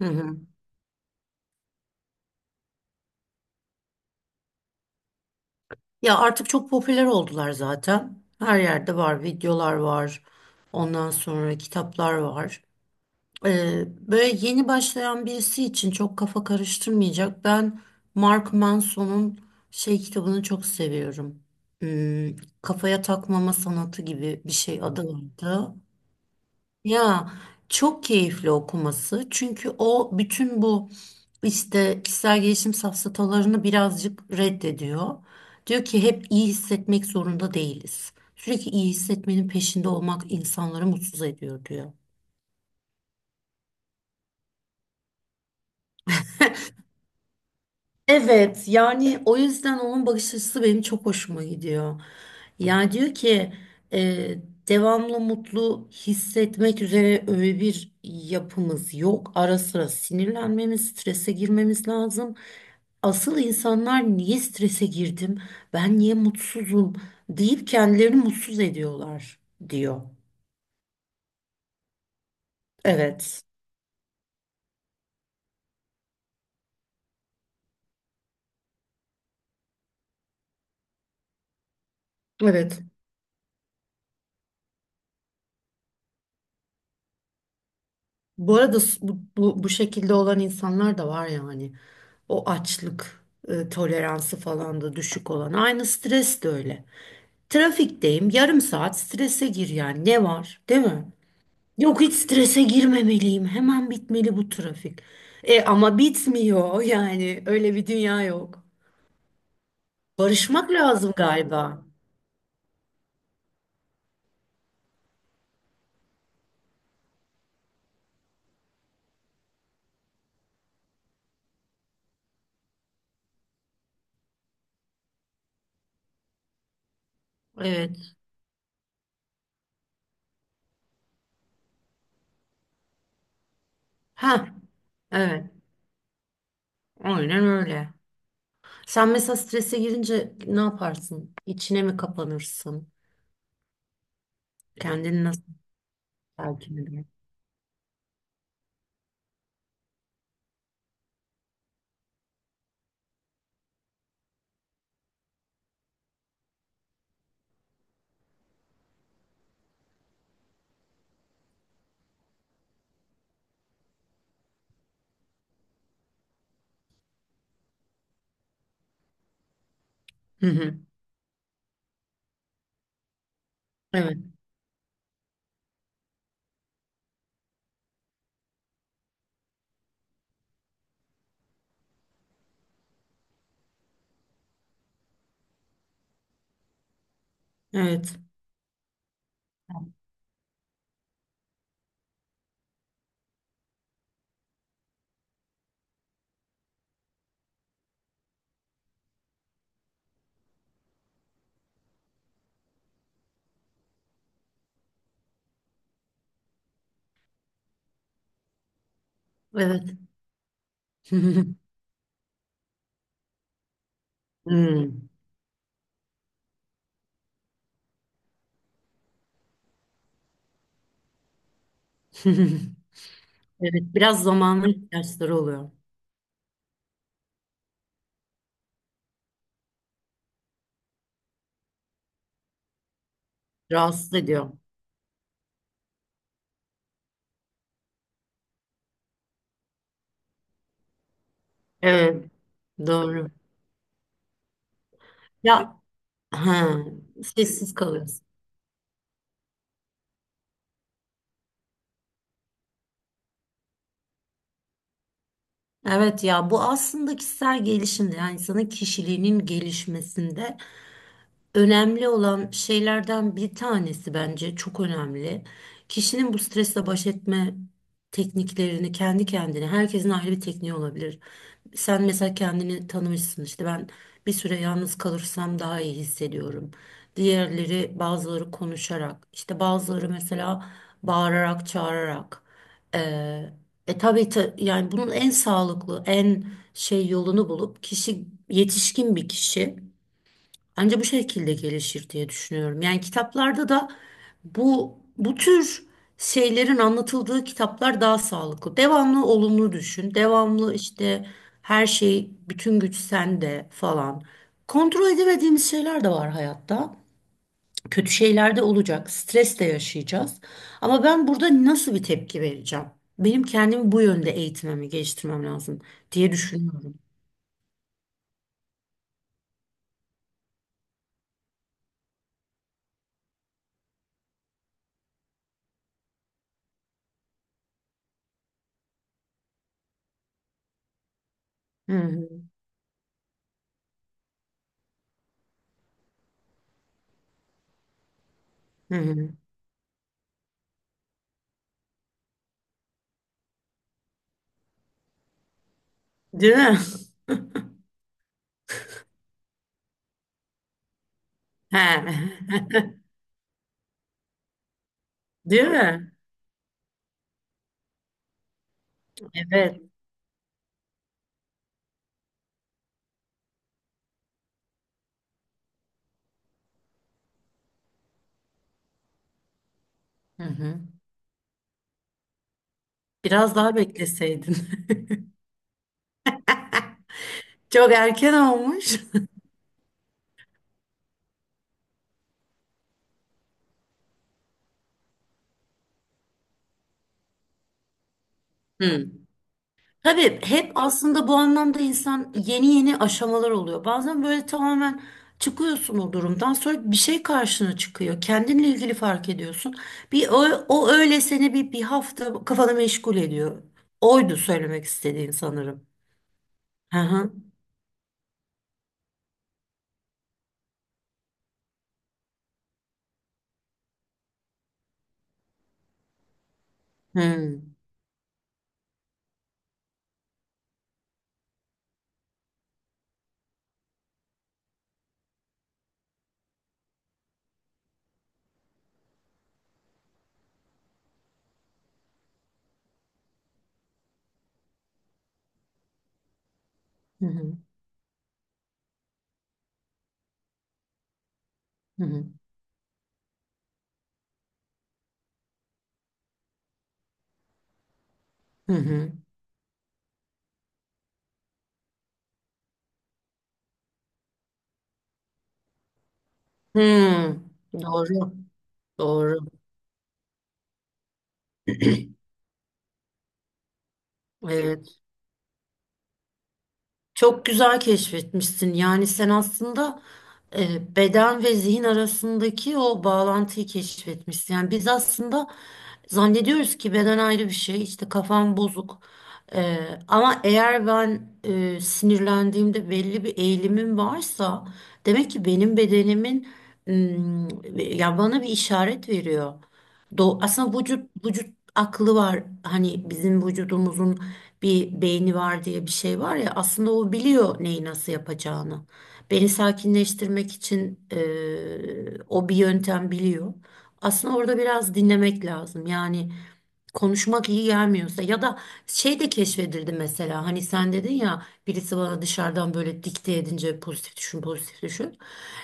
Hı hı. Ya artık çok popüler oldular zaten. Her yerde var, videolar var. Ondan sonra kitaplar var. Böyle yeni başlayan birisi için çok kafa karıştırmayacak. Ben Mark Manson'un şey kitabını çok seviyorum. Hmm, kafaya takmama sanatı gibi bir şey adı vardı. Ya çok keyifli okuması. Çünkü o bütün bu işte kişisel gelişim safsatalarını birazcık reddediyor. Diyor ki hep iyi hissetmek zorunda değiliz. Sürekli iyi hissetmenin peşinde olmak insanları mutsuz ediyor diyor. Evet, yani o yüzden onun bakış açısı benim çok hoşuma gidiyor. Yani diyor ki e, devamlı mutlu hissetmek üzere öyle bir yapımız yok. Ara sıra sinirlenmemiz, strese girmemiz lazım. Asıl insanlar niye strese girdim, ben niye mutsuzum deyip kendilerini mutsuz ediyorlar diyor. Evet, evet. Bu arada bu şekilde olan insanlar da var yani. O açlık toleransı falan da düşük olan. Aynı stres de öyle. Trafikteyim, yarım saat strese gir yani. Ne var, değil mi? Yok, hiç strese girmemeliyim. Hemen bitmeli bu trafik. E ama bitmiyor yani. Öyle bir dünya yok. Barışmak lazım galiba. Evet. Ha, evet. Aynen öyle. Sen mesela strese girince ne yaparsın? İçine mi kapanırsın? Kendini nasıl telkin eder? Hı hı. Evet. Evet. Evet. Hmm. Evet. Biraz zamanın ihtiyaçları oluyor. Rahatsız ediyor. Evet. Doğru. Ya ha, Sessiz kalıyorsun. Evet, ya bu aslında kişisel gelişimde, yani insanın kişiliğinin gelişmesinde önemli olan şeylerden bir tanesi, bence çok önemli. Kişinin bu stresle baş etme tekniklerini kendi kendine, herkesin ayrı bir tekniği olabilir. Sen mesela kendini tanımışsın, işte ben bir süre yalnız kalırsam daha iyi hissediyorum. Diğerleri, bazıları konuşarak, işte bazıları mesela bağırarak, çağırarak. Ee, yani bunun en sağlıklı, en şey yolunu bulup kişi, yetişkin bir kişi anca bu şekilde gelişir diye düşünüyorum. Yani kitaplarda da bu tür şeylerin anlatıldığı kitaplar daha sağlıklı. Devamlı olumlu düşün. Devamlı işte her şey, bütün güç sende falan. Kontrol edemediğimiz şeyler de var hayatta. Kötü şeyler de olacak. Stres de yaşayacağız. Ama ben burada nasıl bir tepki vereceğim? Benim kendimi bu yönde eğitmemi, geliştirmem lazım diye düşünüyorum. Hı hı. Hı hı. Değil mi? He. Değil mi? Evet. Hı hı. Biraz daha bekleseydin. Çok erken olmuş. Hı. Tabii hep aslında bu anlamda insan, yeni yeni aşamalar oluyor. Bazen böyle tamamen çıkıyorsun o durumdan, sonra bir şey karşına çıkıyor. Kendinle ilgili fark ediyorsun. Bir o, O öyle seni bir hafta kafanı meşgul ediyor. Oydu söylemek istediğin sanırım. Hı hı. Hı hı. Hı hı. Hı hı. Hı. Doğru. Doğru. Evet. Çok güzel keşfetmişsin. Yani sen aslında beden ve zihin arasındaki o bağlantıyı keşfetmişsin. Yani biz aslında zannediyoruz ki beden ayrı bir şey, işte kafam bozuk. E, Ama eğer ben sinirlendiğimde belli bir eğilimim varsa, demek ki benim bedenimin mm, ya bana bir işaret veriyor. Aslında vücut aklı var. Hani bizim vücudumuzun bir beyni var diye bir şey var ya, aslında o biliyor neyi nasıl yapacağını. Beni sakinleştirmek için o bir yöntem biliyor. Aslında orada biraz dinlemek lazım. Yani konuşmak iyi gelmiyorsa, ya da şey de keşfedildi mesela, hani sen dedin ya birisi bana dışarıdan böyle dikte edince, pozitif düşün pozitif düşün.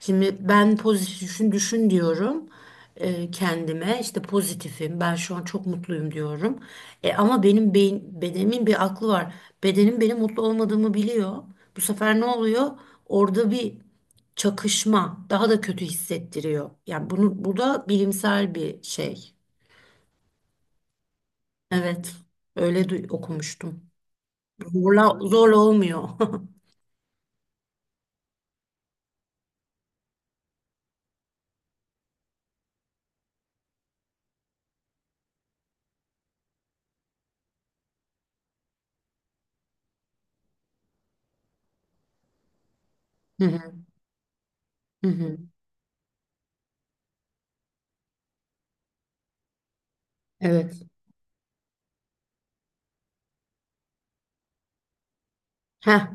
Şimdi ben pozitif düşün diyorum kendime, işte pozitifim ben, şu an çok mutluyum diyorum. Ama benim beyin, bedenimin bir aklı var. Bedenim benim mutlu olmadığımı biliyor. Bu sefer ne oluyor? Orada bir çakışma daha da kötü hissettiriyor. Yani bunu, bu da bilimsel bir şey. Evet, okumuştum. Zorla olmuyor. Hı hı, hı hı. Evet. Heh.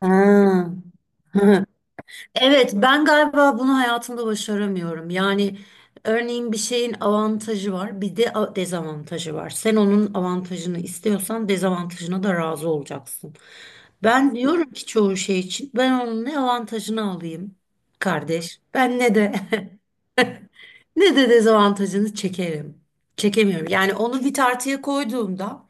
Ha. Evet, ben galiba bunu hayatımda başaramıyorum. Yani örneğin bir şeyin avantajı var, bir de dezavantajı var. Sen onun avantajını istiyorsan dezavantajına da razı olacaksın. Ben diyorum ki çoğu şey için ben onun ne avantajını alayım kardeş, ben ne de ne de dezavantajını çekerim. Çekemiyorum. Yani onu bir tartıya koyduğumda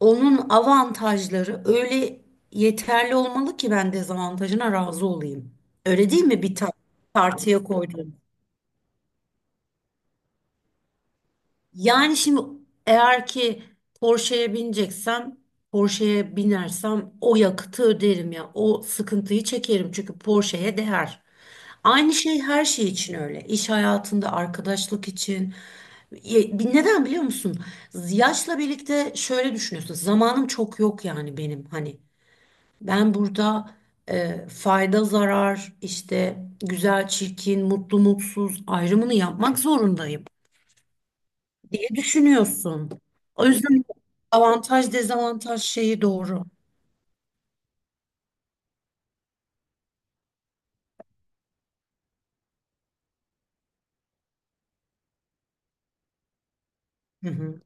onun avantajları öyle yeterli olmalı ki ben dezavantajına razı olayım. Öyle değil mi, tartıya koyduğum? Yani şimdi eğer ki Porsche'ye bineceksem, Porsche'ye binersem o yakıtı öderim ya, o sıkıntıyı çekerim çünkü Porsche'ye değer. Aynı şey her şey için öyle. İş hayatında, arkadaşlık için. Neden biliyor musun? Yaşla birlikte şöyle düşünüyorsun. Zamanım çok yok yani benim, hani. Ben burada fayda zarar, işte güzel çirkin, mutlu mutsuz ayrımını yapmak zorundayım diye düşünüyorsun. O yüzden avantaj dezavantaj şeyi doğru. Hı hı.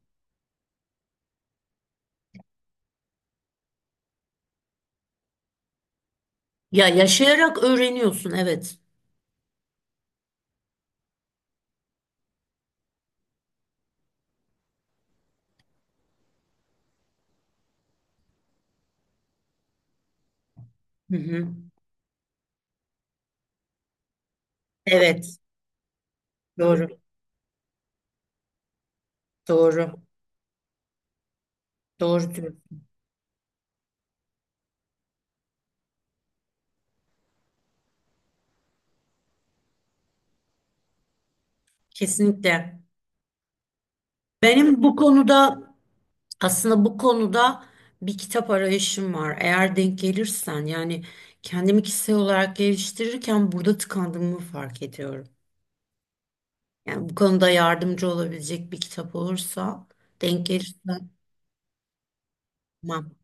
Ya yaşayarak öğreniyorsun, evet. Hı hı. Evet, doğru doğru doğru diyorsun. Kesinlikle. Benim bu konuda Aslında bu konuda bir kitap arayışım var. Eğer denk gelirsen, yani kendimi kişisel olarak geliştirirken burada tıkandığımı fark ediyorum. Yani bu konuda yardımcı olabilecek bir kitap olursa, denk gelirse, tamam.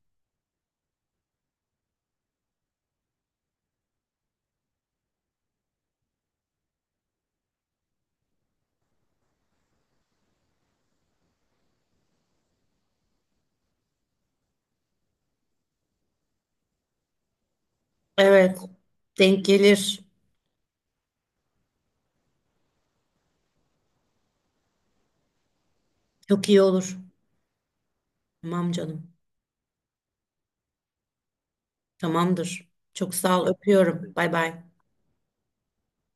Evet, denk gelir. Çok iyi olur. Tamam canım. Tamamdır. Çok sağ ol. Öpüyorum. Bay bay.